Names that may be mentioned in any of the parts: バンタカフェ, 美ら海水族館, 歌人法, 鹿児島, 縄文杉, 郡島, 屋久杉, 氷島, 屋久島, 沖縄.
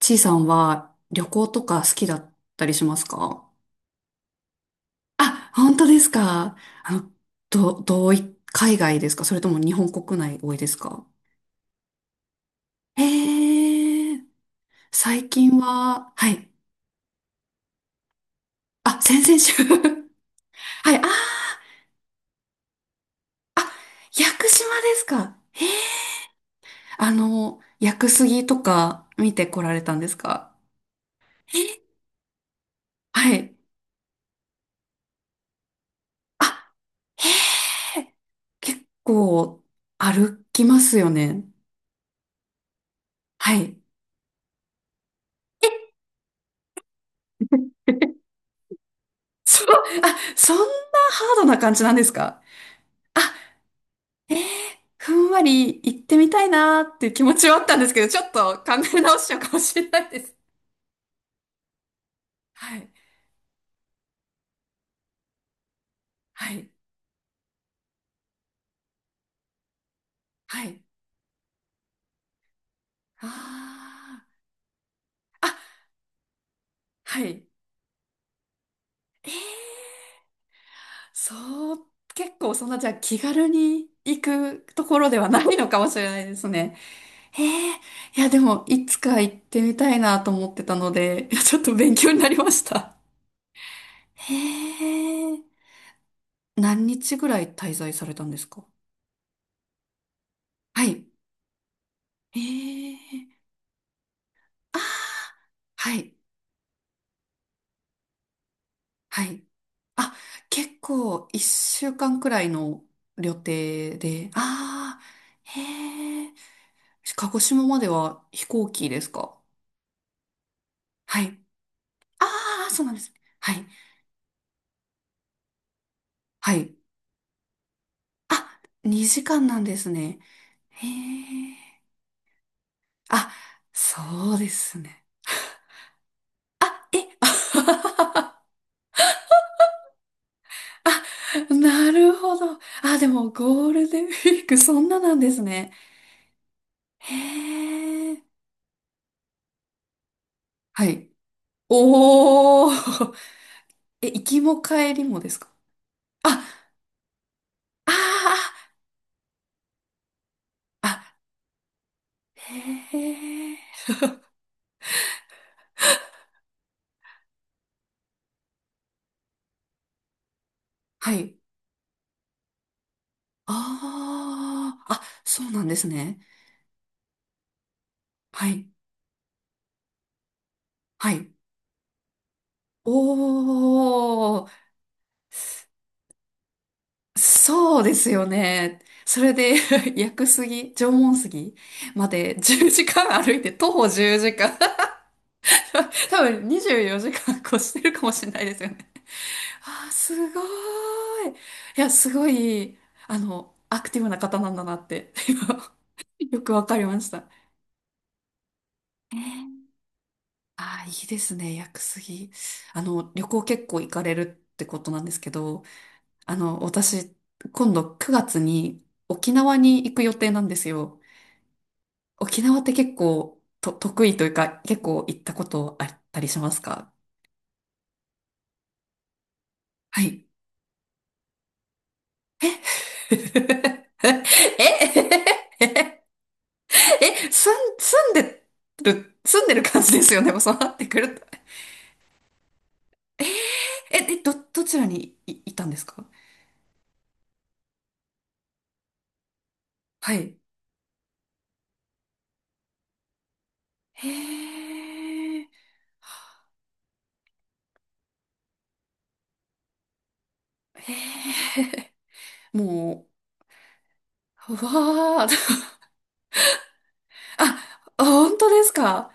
ちいさんは旅行とか好きだったりしますか？あ、本当ですか？あの、ど、どうい、海外ですか？それとも日本国内多いですか？へえ、最近は、はい。あ、先々週 はい、あー、あ、屋久島ですか？へえ、屋久杉とか見てこられたんですか？へえ。はい。あ、へえ、結構歩きますよね。はい。そう、あ、そんなハードな感じなんですか？あ、えー、ふんわり行ってみたいなーっていう気持ちはあったんですけど、ちょっと考え直しちゃうかもしれないです。はい、はい、はい。あー、あ、はい。そう、結構そんな、じゃあ気軽に行くところではないのかもしれないですね。へえ、いやでも、いつか行ってみたいなと思ってたので、いやちょっと勉強になりました。へえ。何日ぐらい滞在されたんですか？はい。ええ、あ、はい。はい。あ、結構一週間くらいの旅程で。ああ、へえ。鹿児島までは飛行機ですか？はい。ああ、そうなんですね。はい。はい。あ、2時間なんですね。へえ。あ、そうですね。あ、え、あ、なるほど。あ、でもゴールデンウィーク、そんななんですね。へえ。はい。おー。え、行きも帰りもですか？あ、あーあ、へえ。はい。ああ、あ、そうなんですね。はい。はい。おー。そうですよね。それで、屋久杉、縄文杉まで10時間歩いて、徒歩10時間。多分24時間越してるかもしれないですよね。ああ、すごーい。いや、すごい、アクティブな方なんだなって、今よくわかりました。ああ、いいですね、屋久杉。旅行結構行かれるってことなんですけど、私、今度9月に沖縄に行く予定なんですよ。沖縄って結構と得意というか、結構行ったことあったりしますか？はい。え え、すん、住んでる感じですよね、もうそうなってくると。え、え、ど、どちらにい、いたんですか？はい。へえ、へえ、もう、うわー、あ、本当ですか？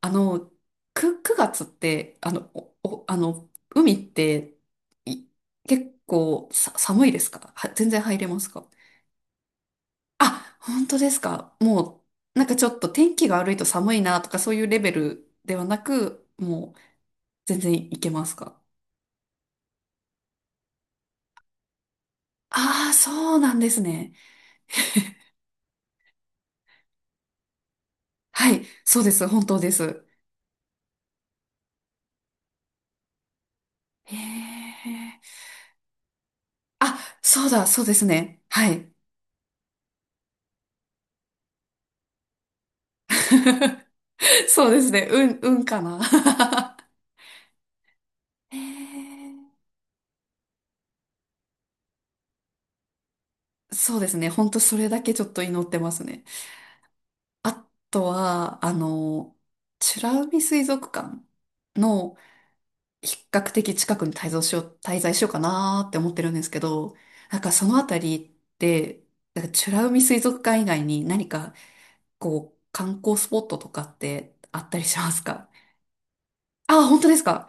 あの、く、9月って、あの、お、おあの、海って、い、結構さ、寒いですか？は、全然入れますか？あ、本当ですか。もう、なんかちょっと天気が悪いと寒いなとかそういうレベルではなく、もう全然いけますか。ああ、そうなんですね。はい、そうです。本当です。へえ。あ、そうだ、そうですね。はい。そうですね。うん、うんかな。へー、そうですね。ほんとそれだけちょっと祈ってますね。あとは、美ら海水族館の比較的近くに滞在しようかなーって思ってるんですけど、なんかそのあたりって、なんか美ら海水族館以外に何かこう観光スポットとかってあったりしますか？あ、本当ですか？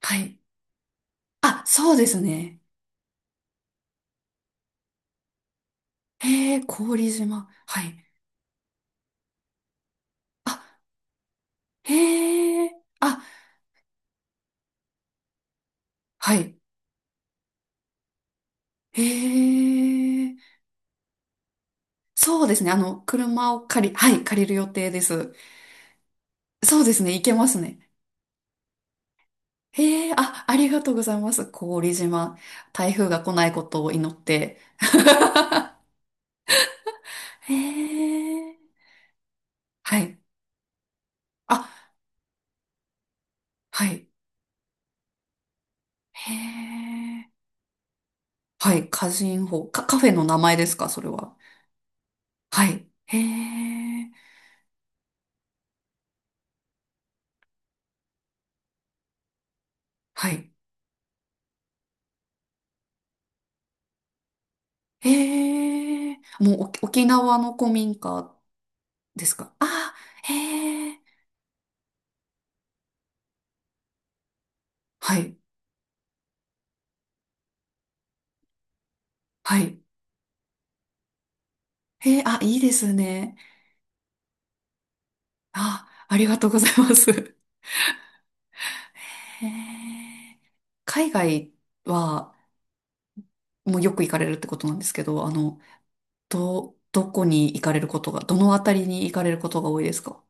はい。あ、そうですね。へえ、氷島。はい。あ、へえ、あ、はい。へえ、そうですね。あの、車を借り、はい、借りる予定です。そうですね。行けますね。へえ、あ、ありがとうございます。郡島。台風が来ないことを祈って。へえ、はい。あ、はい。へえ、はい。歌人法。か、カフェの名前ですか、それは。はい。へえ、はい。へえ、もうお沖縄の古民家ですか。あ、へえ、はい。はい。へえ、あ、いいですね。あ、ありがとうございます。へえ、海外は、もうよく行かれるってことなんですけど、ど、どこに行かれることが、どのあたりに行かれることが多いですか？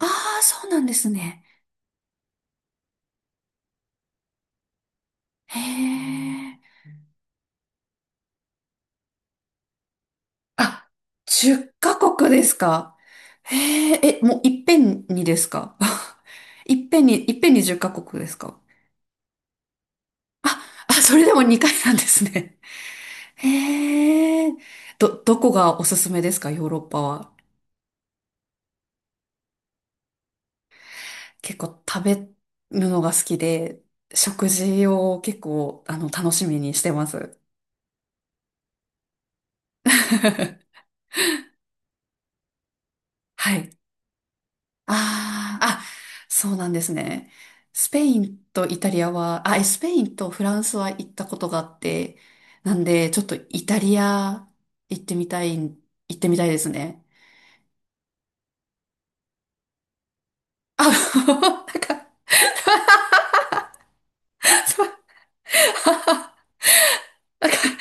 ああー、そうなんですね。へえ。あ、10カ国ですか。へえ、え、もういっぺんにですか？ いっぺんに、いっぺんに10カ国ですか？あ、あ、それでも2回なんですね。へえ。ど、どこがおすすめですか、ヨーロッパは。結構食べるのが好きで、食事を結構、楽しみにしてます。はい。ああ、あ、そうなんですね。スペインとイタリアは、あ、えスペインとフランスは行ったことがあって、なんで、ちょっとイタリア行ってみたいですね。あ、なんか、そう、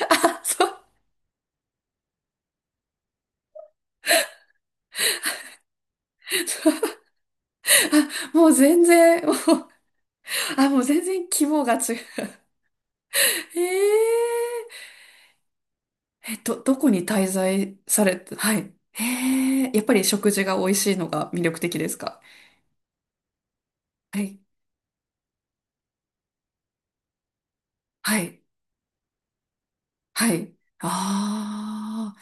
あ、そう、そう、もう全然、もう、あ、もう全然規模が違う。え、え、えっと、どこに滞在されて、はい。へえ、やっぱり食事が美味しいのが魅力的ですか？はい。はい。はい。ああ、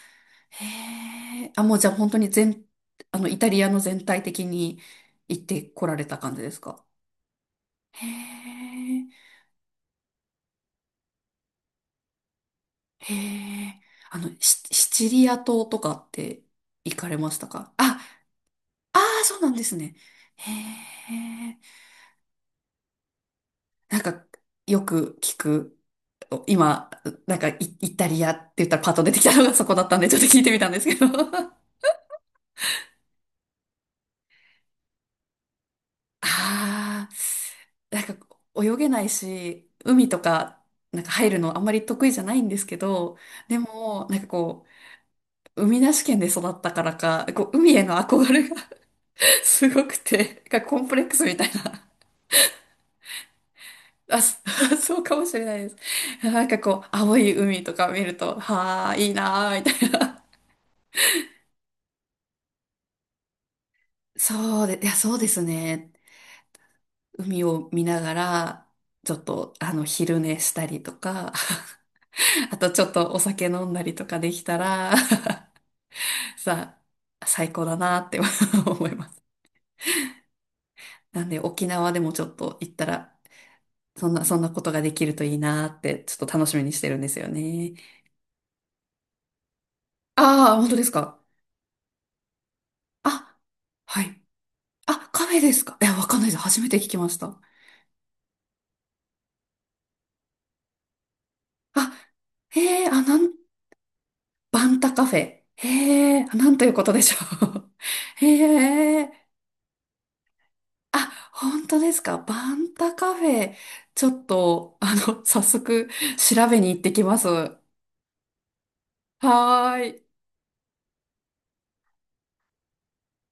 へえ。あ、もうじゃあ本当に全、イタリアの全体的に行ってこられた感じですか？へえ、へえ。あの、シ、シチリア島とかって行かれましたか？あ、ああ、そうなんですね。へえ。なんか、よく聞く。今、なんかイ、イタリアって言ったらパッと出てきたのがそこだったんで、ちょっと聞いてみたんですけど。あ、あ、なんか泳げないし、海とか、なんか入るのあんまり得意じゃないんですけど、でも、なんかこう、海なし県で育ったからか、こう、海への憧れが すごくて、なんかコンプレックスみたいな。あ、そ そうかもしれないです。なんかこう、青い海とか見ると、はあ、いいなあみたいな。そうで、いや、そうですね。海を見ながら、ちょっと、昼寝したりとか、あとちょっとお酒飲んだりとかできたら、さあ、最高だなって 思います。なんで、沖縄でもちょっと行ったら、そんなことができるといいなって、ちょっと楽しみにしてるんですよね。ああ、本当ですか。あ、はい。あ、カフェですか。いや、わかんないです。初めて聞きました。あ、へえ、あ、なん、バンタカフェ。へえ、あ、なんということでしょう。へえ。あ、本当ですか。バンタカフェ、ちょっと、早速、調べに行ってきます。はーい。